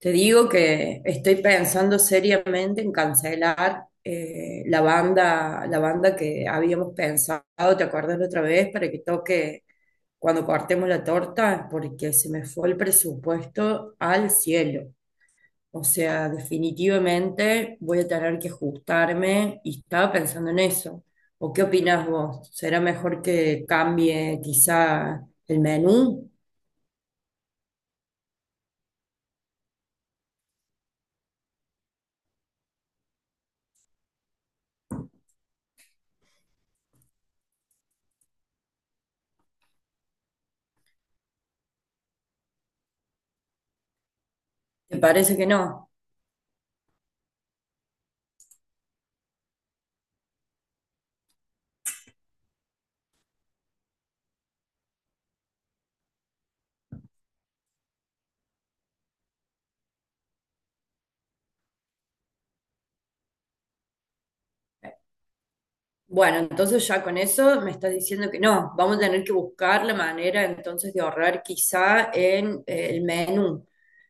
Te digo que estoy pensando seriamente en cancelar la banda que habíamos pensado, ¿te acuerdas la otra vez? Para que toque cuando cortemos la torta, porque se me fue el presupuesto al cielo. O sea, definitivamente voy a tener que ajustarme y estaba pensando en eso. ¿O qué opinás vos? ¿Será mejor que cambie quizá el menú? ¿Te parece que no? Bueno, entonces ya con eso me estás diciendo que no, vamos a tener que buscar la manera entonces de ahorrar quizá en el menú.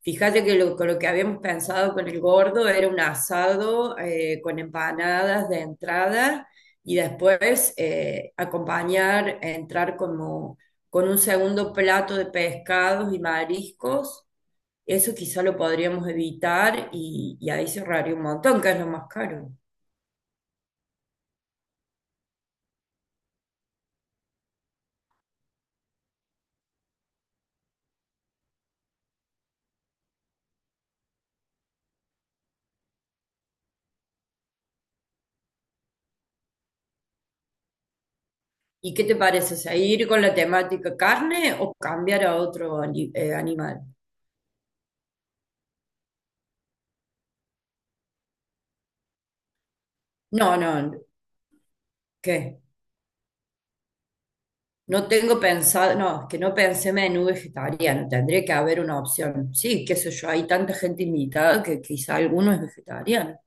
Fíjate que con lo que habíamos pensado con el gordo era un asado con empanadas de entrada y después acompañar, entrar como con un segundo plato de pescados y mariscos. Eso quizá lo podríamos evitar y ahí se ahorraría un montón, que es lo más caro. ¿Y qué te parece? ¿Seguir con la temática carne o cambiar a otro animal? No, no, ¿qué? No tengo pensado, no, es que no pensé menú vegetariano, tendría que haber una opción. Sí, qué sé yo, hay tanta gente invitada que quizá alguno es vegetariano.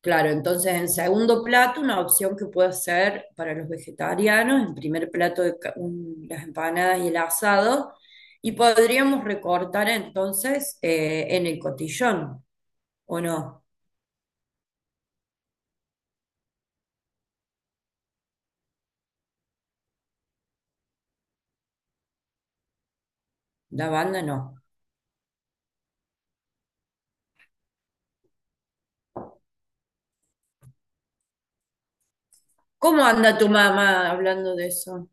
Claro, entonces en segundo plato una opción que puede ser para los vegetarianos, en primer plato las empanadas y el asado, y podríamos recortar entonces en el cotillón, ¿o no? La banda no. ¿Cómo anda tu mamá hablando de eso?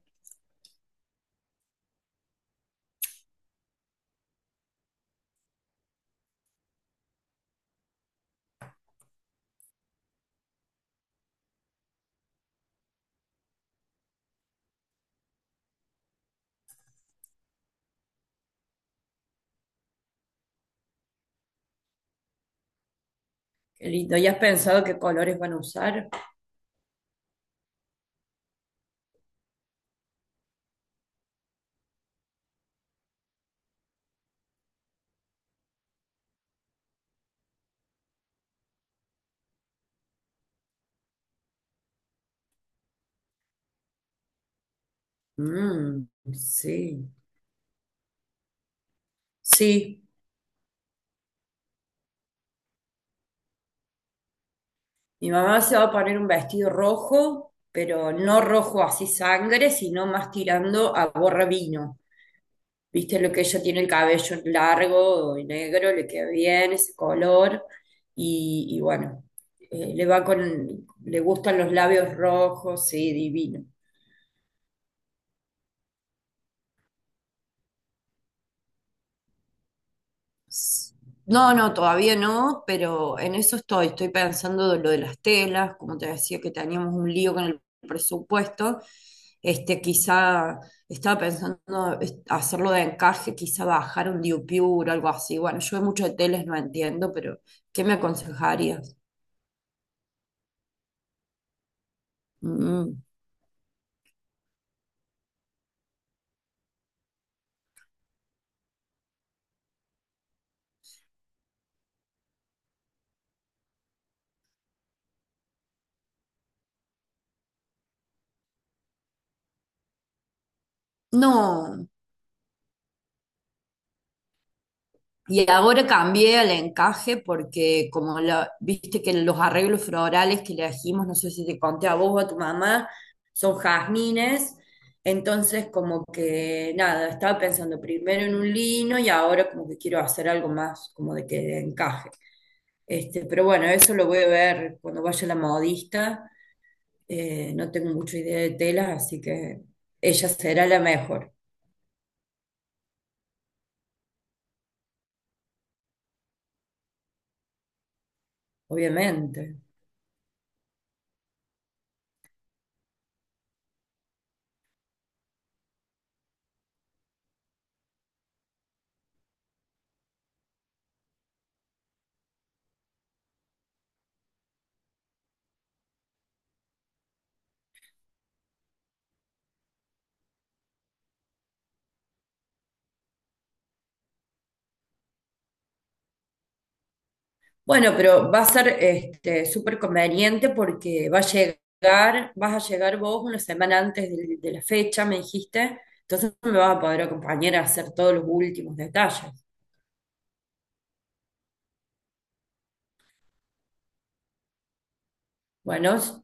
Qué lindo. ¿Y has pensado qué colores van a usar? Mm, sí. Sí, mi mamá se va a poner un vestido rojo, pero no rojo así sangre, sino más tirando a borra vino. Viste lo que ella tiene el cabello largo y negro, le queda bien ese color. Y bueno, le va con, le gustan los labios rojos, sí, divino. No, no, todavía no, pero en eso estoy. Estoy pensando de lo de las telas, como te decía que teníamos un lío con el presupuesto. Este, quizá estaba pensando hacerlo de encaje, quizá bajar un diupiur, o algo así. Bueno, yo mucho de telas no entiendo, pero ¿qué me aconsejarías? Mm. No. Y ahora cambié al encaje porque como viste que los arreglos florales que le dijimos no sé si te conté a vos o a tu mamá, son jazmines. Entonces como que nada, estaba pensando primero en un lino y ahora como que quiero hacer algo más como de encaje. Este, pero bueno, eso lo voy a ver cuando vaya la modista. No tengo mucha idea de telas, así que ella será la mejor, obviamente. Bueno, pero va a ser este, súper conveniente porque vas a llegar vos una semana antes de la fecha, me dijiste, entonces me vas a poder acompañar a hacer todos los últimos detalles. Bueno, s-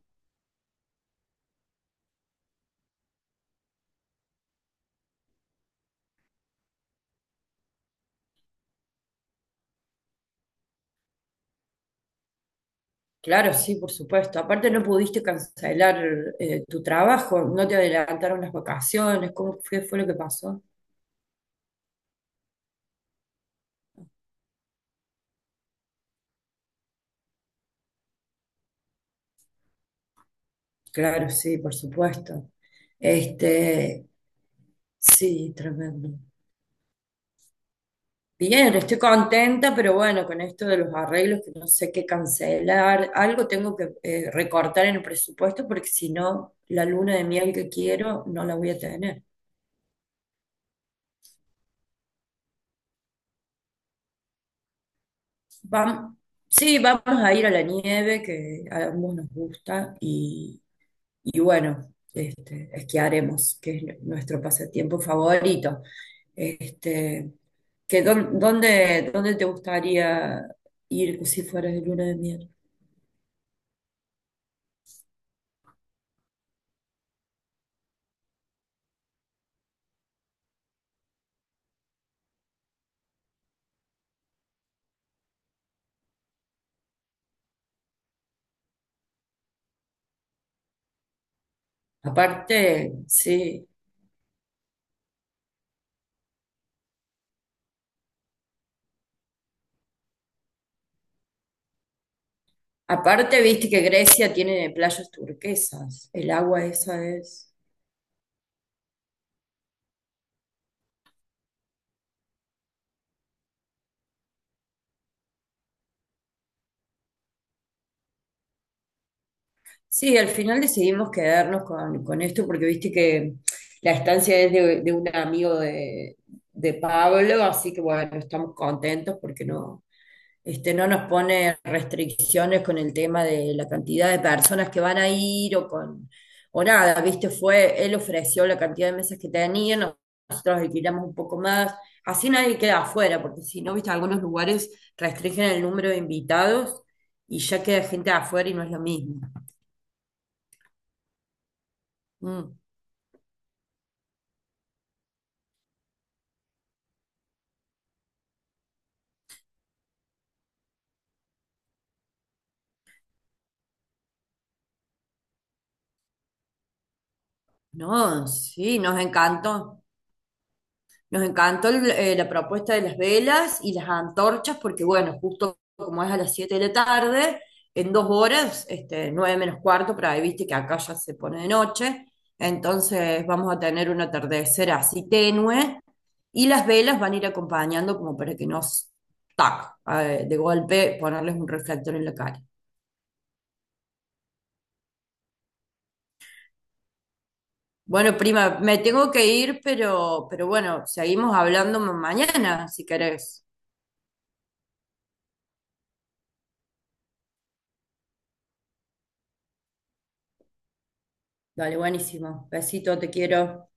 claro, sí, por supuesto. Aparte no pudiste cancelar tu trabajo, no te adelantaron las vacaciones, ¿ fue lo que pasó? Claro, sí, por supuesto. Este, sí, tremendo. Bien, estoy contenta, pero bueno, con esto de los arreglos que no sé qué cancelar, algo tengo que recortar en el presupuesto porque si no, la luna de miel que quiero no la voy a tener. Vam- sí, vamos a ir a la nieve que a ambos nos gusta y bueno, este, esquiaremos, que es nuestro pasatiempo favorito. Este, dónde te gustaría ir si fueras de luna de miel? Aparte, sí. Aparte, viste que Grecia tiene playas turquesas, el agua esa es... Sí, al final decidimos quedarnos con esto porque viste que la estancia es de un amigo de Pablo, así que bueno, estamos contentos porque no, este, no nos pone restricciones con el tema de la cantidad de personas que van a ir o con o nada, viste, fue, él ofreció la cantidad de mesas que tenía, nosotros alquilamos un poco más, así nadie queda afuera, porque si no, viste, algunos lugares restringen el número de invitados y ya queda gente afuera y no es lo mismo. Mm, no, sí, nos encantó. Nos encantó la propuesta de las velas y las antorchas, porque bueno, justo como es a las 7 de la tarde, en 2 horas, este, 8:45, pero ahí viste que acá ya se pone de noche, entonces vamos a tener un atardecer así tenue y las velas van a ir acompañando como para que nos, tac, de golpe ponerles un reflector en la cara. Bueno, prima, me tengo que ir, pero bueno, seguimos hablando mañana, si querés. Dale, buenísimo. Besito, te quiero.